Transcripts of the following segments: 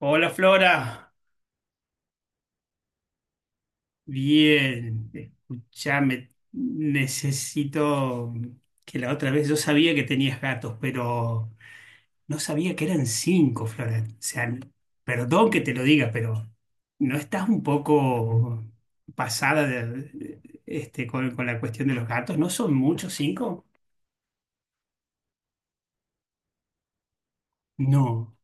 Hola Flora, bien, escuchame, necesito que la otra vez yo sabía que tenías gatos, pero no sabía que eran cinco, Flora. O sea, perdón que te lo diga, pero ¿no estás un poco pasada, con la cuestión de los gatos? ¿No son muchos cinco? No.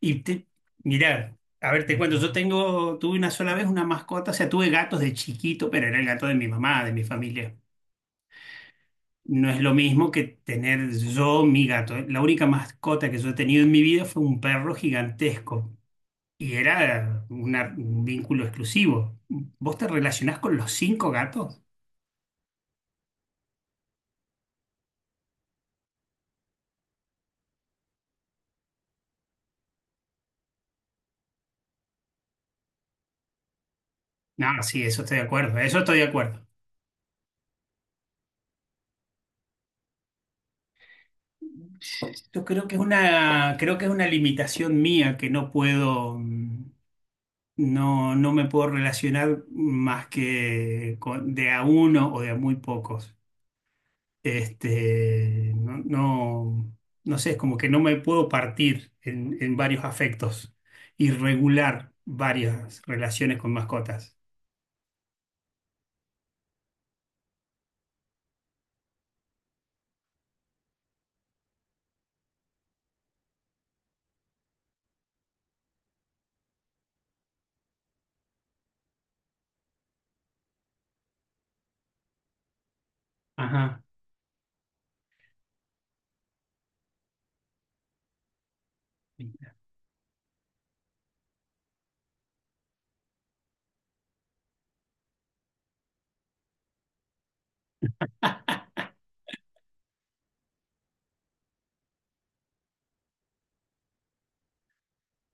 Y te, mirá, a ver, te cuento, yo tengo, tuve una sola vez una mascota, o sea, tuve gatos de chiquito, pero era el gato de mi mamá, de mi familia. No es lo mismo que tener yo mi gato. La única mascota que yo he tenido en mi vida fue un perro gigantesco y era un vínculo exclusivo. ¿Vos te relacionás con los cinco gatos? No, sí, eso estoy de acuerdo, eso estoy de acuerdo. Yo creo que es una, creo que es una limitación mía que no puedo, no me puedo relacionar más que de a uno o de a muy pocos. Este, no, no, no sé, es como que no me puedo partir en varios afectos y regular varias relaciones con mascotas. Ajá.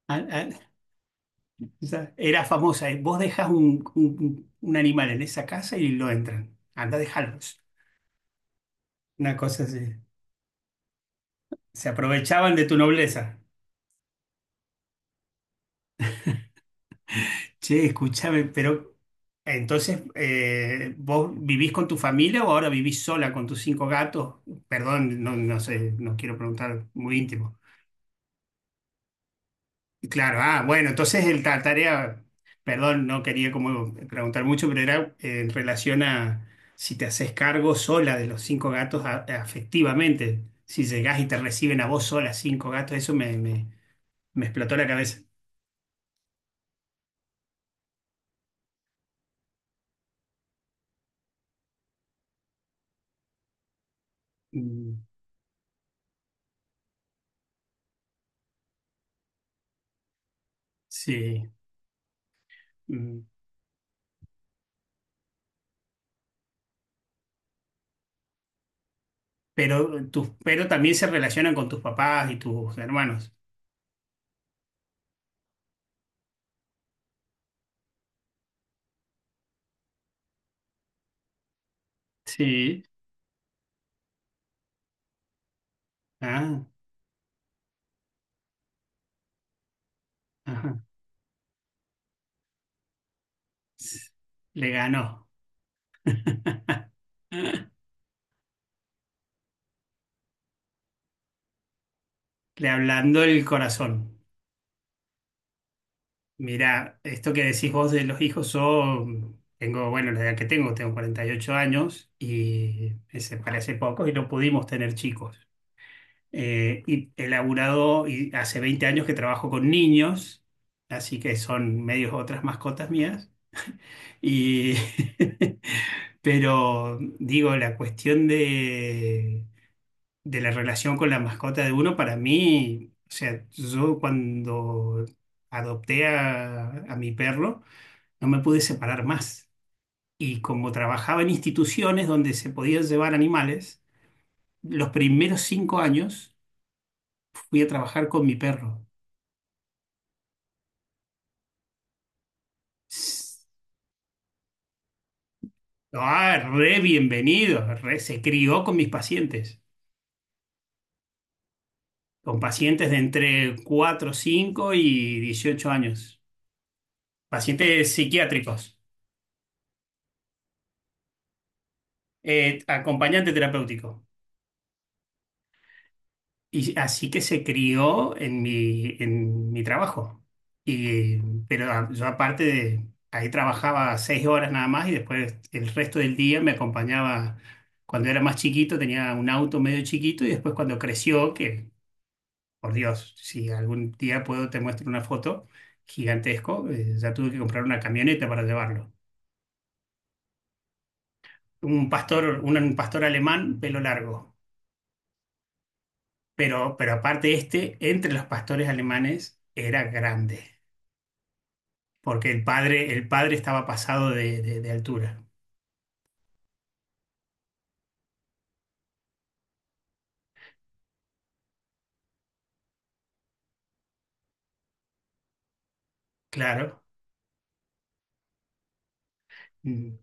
Ah, ah, esa- era famosa, vos dejas un animal en esa casa y lo entran. Anda, dejarlos. Una cosa así. Se aprovechaban de tu nobleza. Che, escúchame, pero entonces, ¿vos vivís con tu familia o ahora vivís sola con tus cinco gatos? Perdón, no, no sé, no quiero preguntar muy íntimo. Claro, ah, bueno, entonces la tarea, perdón, no quería como preguntar mucho, pero era en relación a si te haces cargo sola de los cinco gatos afectivamente, si llegás y te reciben a vos sola cinco gatos, eso me explotó la cabeza. Mm. Sí. Mm. Pero también se relacionan con tus papás y tus hermanos. Sí. Ah, ajá. Le ganó. Le ablandó el corazón. Mira, esto que decís vos de los hijos, yo tengo, bueno, la edad que tengo, tengo 48 años y me separé hace poco y no pudimos tener chicos. Y he laburado y hace 20 años que trabajo con niños, así que son medios otras mascotas mías. Y pero digo, la cuestión de la relación con la mascota de uno, para mí, o sea, yo cuando adopté a mi perro, no me pude separar más. Y como trabajaba en instituciones donde se podían llevar animales, los primeros cinco años fui a trabajar con mi perro. S- Ah, re bienvenido, se crió con mis pacientes, con pacientes de entre 4, 5 y 18 años, pacientes psiquiátricos, acompañante terapéutico. Y así que se crió en en mi trabajo. Y, yo aparte de, ahí trabajaba seis horas nada más y después el resto del día me acompañaba. Cuando era más chiquito tenía un auto medio chiquito y después cuando creció, que por Dios, si algún día puedo te muestro una foto gigantesco, ya tuve que comprar una camioneta para llevarlo. Un pastor, un pastor alemán, pelo largo. Pero aparte este, entre los pastores alemanes, era grande, porque el padre estaba pasado de, de altura, claro. Mm.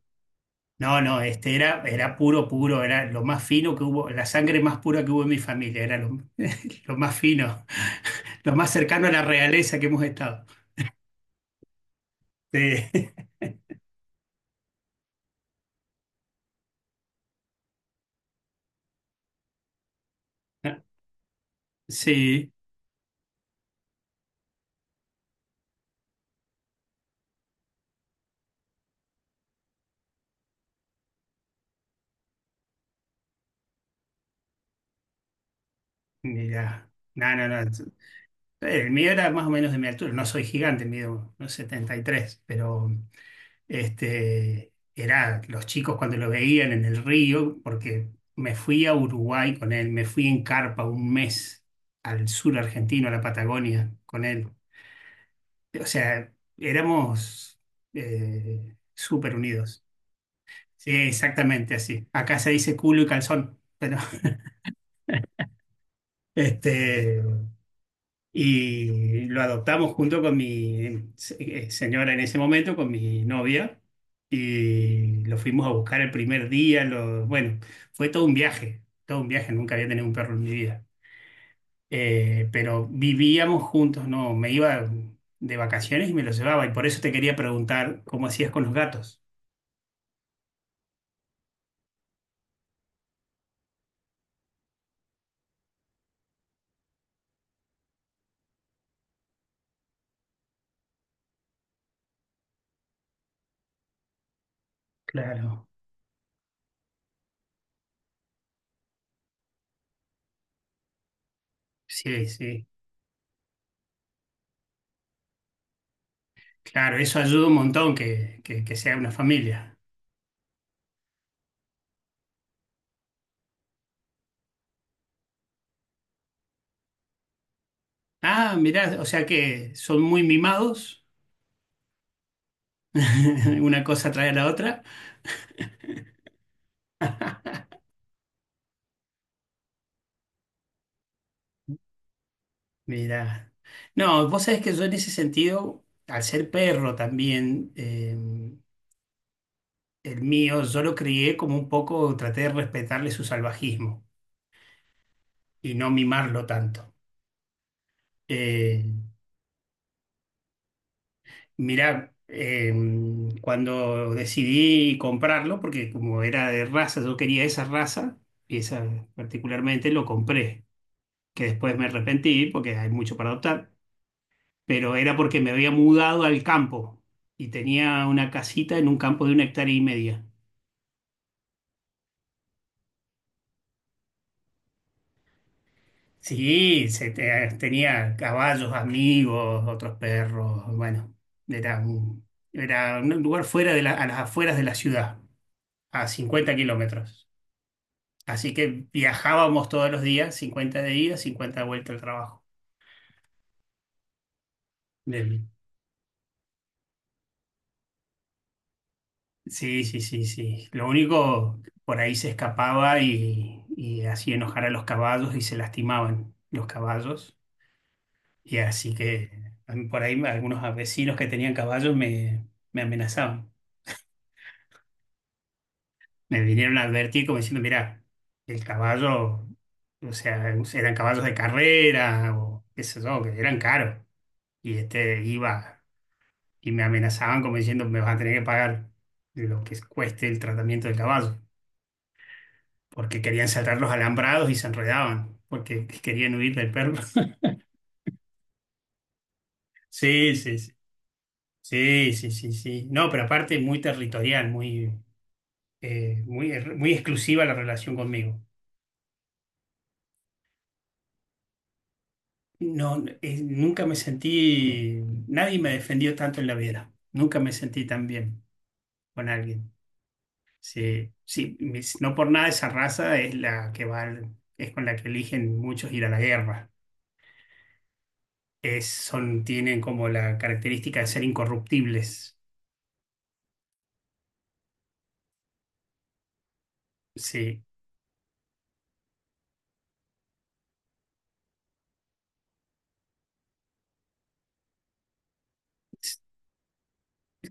No, no, este era, era puro, puro, era lo más fino que hubo, la sangre más pura que hubo en mi familia, era lo lo más fino, lo más cercano a la realeza que hemos estado. Sí, sí, mira, no, no, no. El mío era más o menos de mi altura, no soy gigante, mido unos 73, pero... Este, era los chicos cuando lo veían en el río, porque me fui a Uruguay con él, me fui en carpa un mes al sur argentino, a la Patagonia, con él. O sea, éramos súper unidos. Sí, exactamente así. Acá se dice culo y calzón, pero este, y lo adoptamos junto con mi señora en ese momento, con mi novia, y lo fuimos a buscar el primer día. Bueno, fue todo un viaje, nunca había tenido un perro en mi vida. Pero vivíamos juntos, no, me iba de vacaciones y me lo llevaba, y por eso te quería preguntar cómo hacías con los gatos. Claro, sí, sí, claro, eso ayuda un montón que sea una familia. Ah, mirá, o sea que son muy mimados. Una cosa trae a la otra. Mira. No, vos sabés que yo en ese sentido, al ser perro también, el mío, yo lo crié como un poco, traté de respetarle su salvajismo y no mimarlo tanto. Eh, mira, cuando decidí comprarlo, porque como era de raza, yo quería esa raza, y esa particularmente lo compré, que después me arrepentí porque hay mucho para adoptar. Pero era porque me había mudado al campo y tenía una casita en un campo de una hectárea y media. Sí, tenía caballos, amigos, otros perros, bueno, era un lugar fuera de a las afueras de la ciudad, a 50 kilómetros. Así que viajábamos todos los días, 50 de ida, 50 de vuelta al trabajo. Del- Sí, sí, sí, sí. Lo único, por ahí se escapaba y hacía enojar a los caballos y se lastimaban los caballos. Y así que a mí por ahí algunos vecinos que tenían caballos me amenazaban. Me vinieron a advertir como diciendo, mira, el caballo, o sea, eran caballos de carrera o qué sé yo, que eran caros. Y este iba y me amenazaban como diciendo, me vas a tener que pagar lo que cueste el tratamiento del caballo, porque querían saltar los alambrados y se enredaban, porque querían huir del perro. Sí, sí, sí. Sí, sí, sí, sí. No, pero aparte muy territorial, muy... muy exclusiva la relación conmigo. No, nunca me sentí, nadie me defendió tanto en la vida. Nunca me sentí tan bien con alguien. Sí, sí, no por nada esa raza es la que va, es con la que eligen muchos ir a la guerra. Es, son, tienen como la característica de ser incorruptibles. Sí,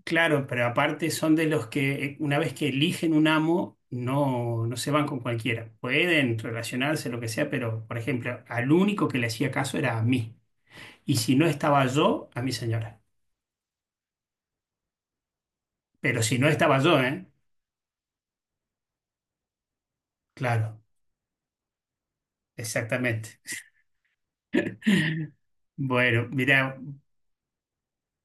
claro, pero aparte son de los que una vez que eligen un amo, no, no se van con cualquiera. Pueden relacionarse, lo que sea, pero, por ejemplo, al único que le hacía caso era a mí. Y si no estaba yo, a mi señora. Pero si no estaba yo, ¿eh? Claro, exactamente. Bueno, mira,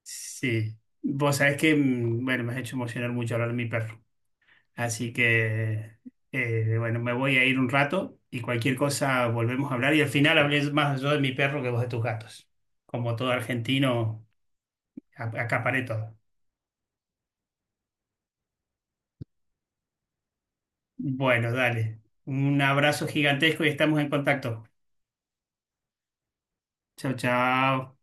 sí. Vos sabés que, bueno, me has hecho emocionar mucho hablar de mi perro. Así que, bueno, me voy a ir un rato y cualquier cosa volvemos a hablar. Y al final hablé más yo de mi perro que vos de tus gatos. Como todo argentino, acaparé todo. Bueno, dale. Un abrazo gigantesco y estamos en contacto. Chao, chao.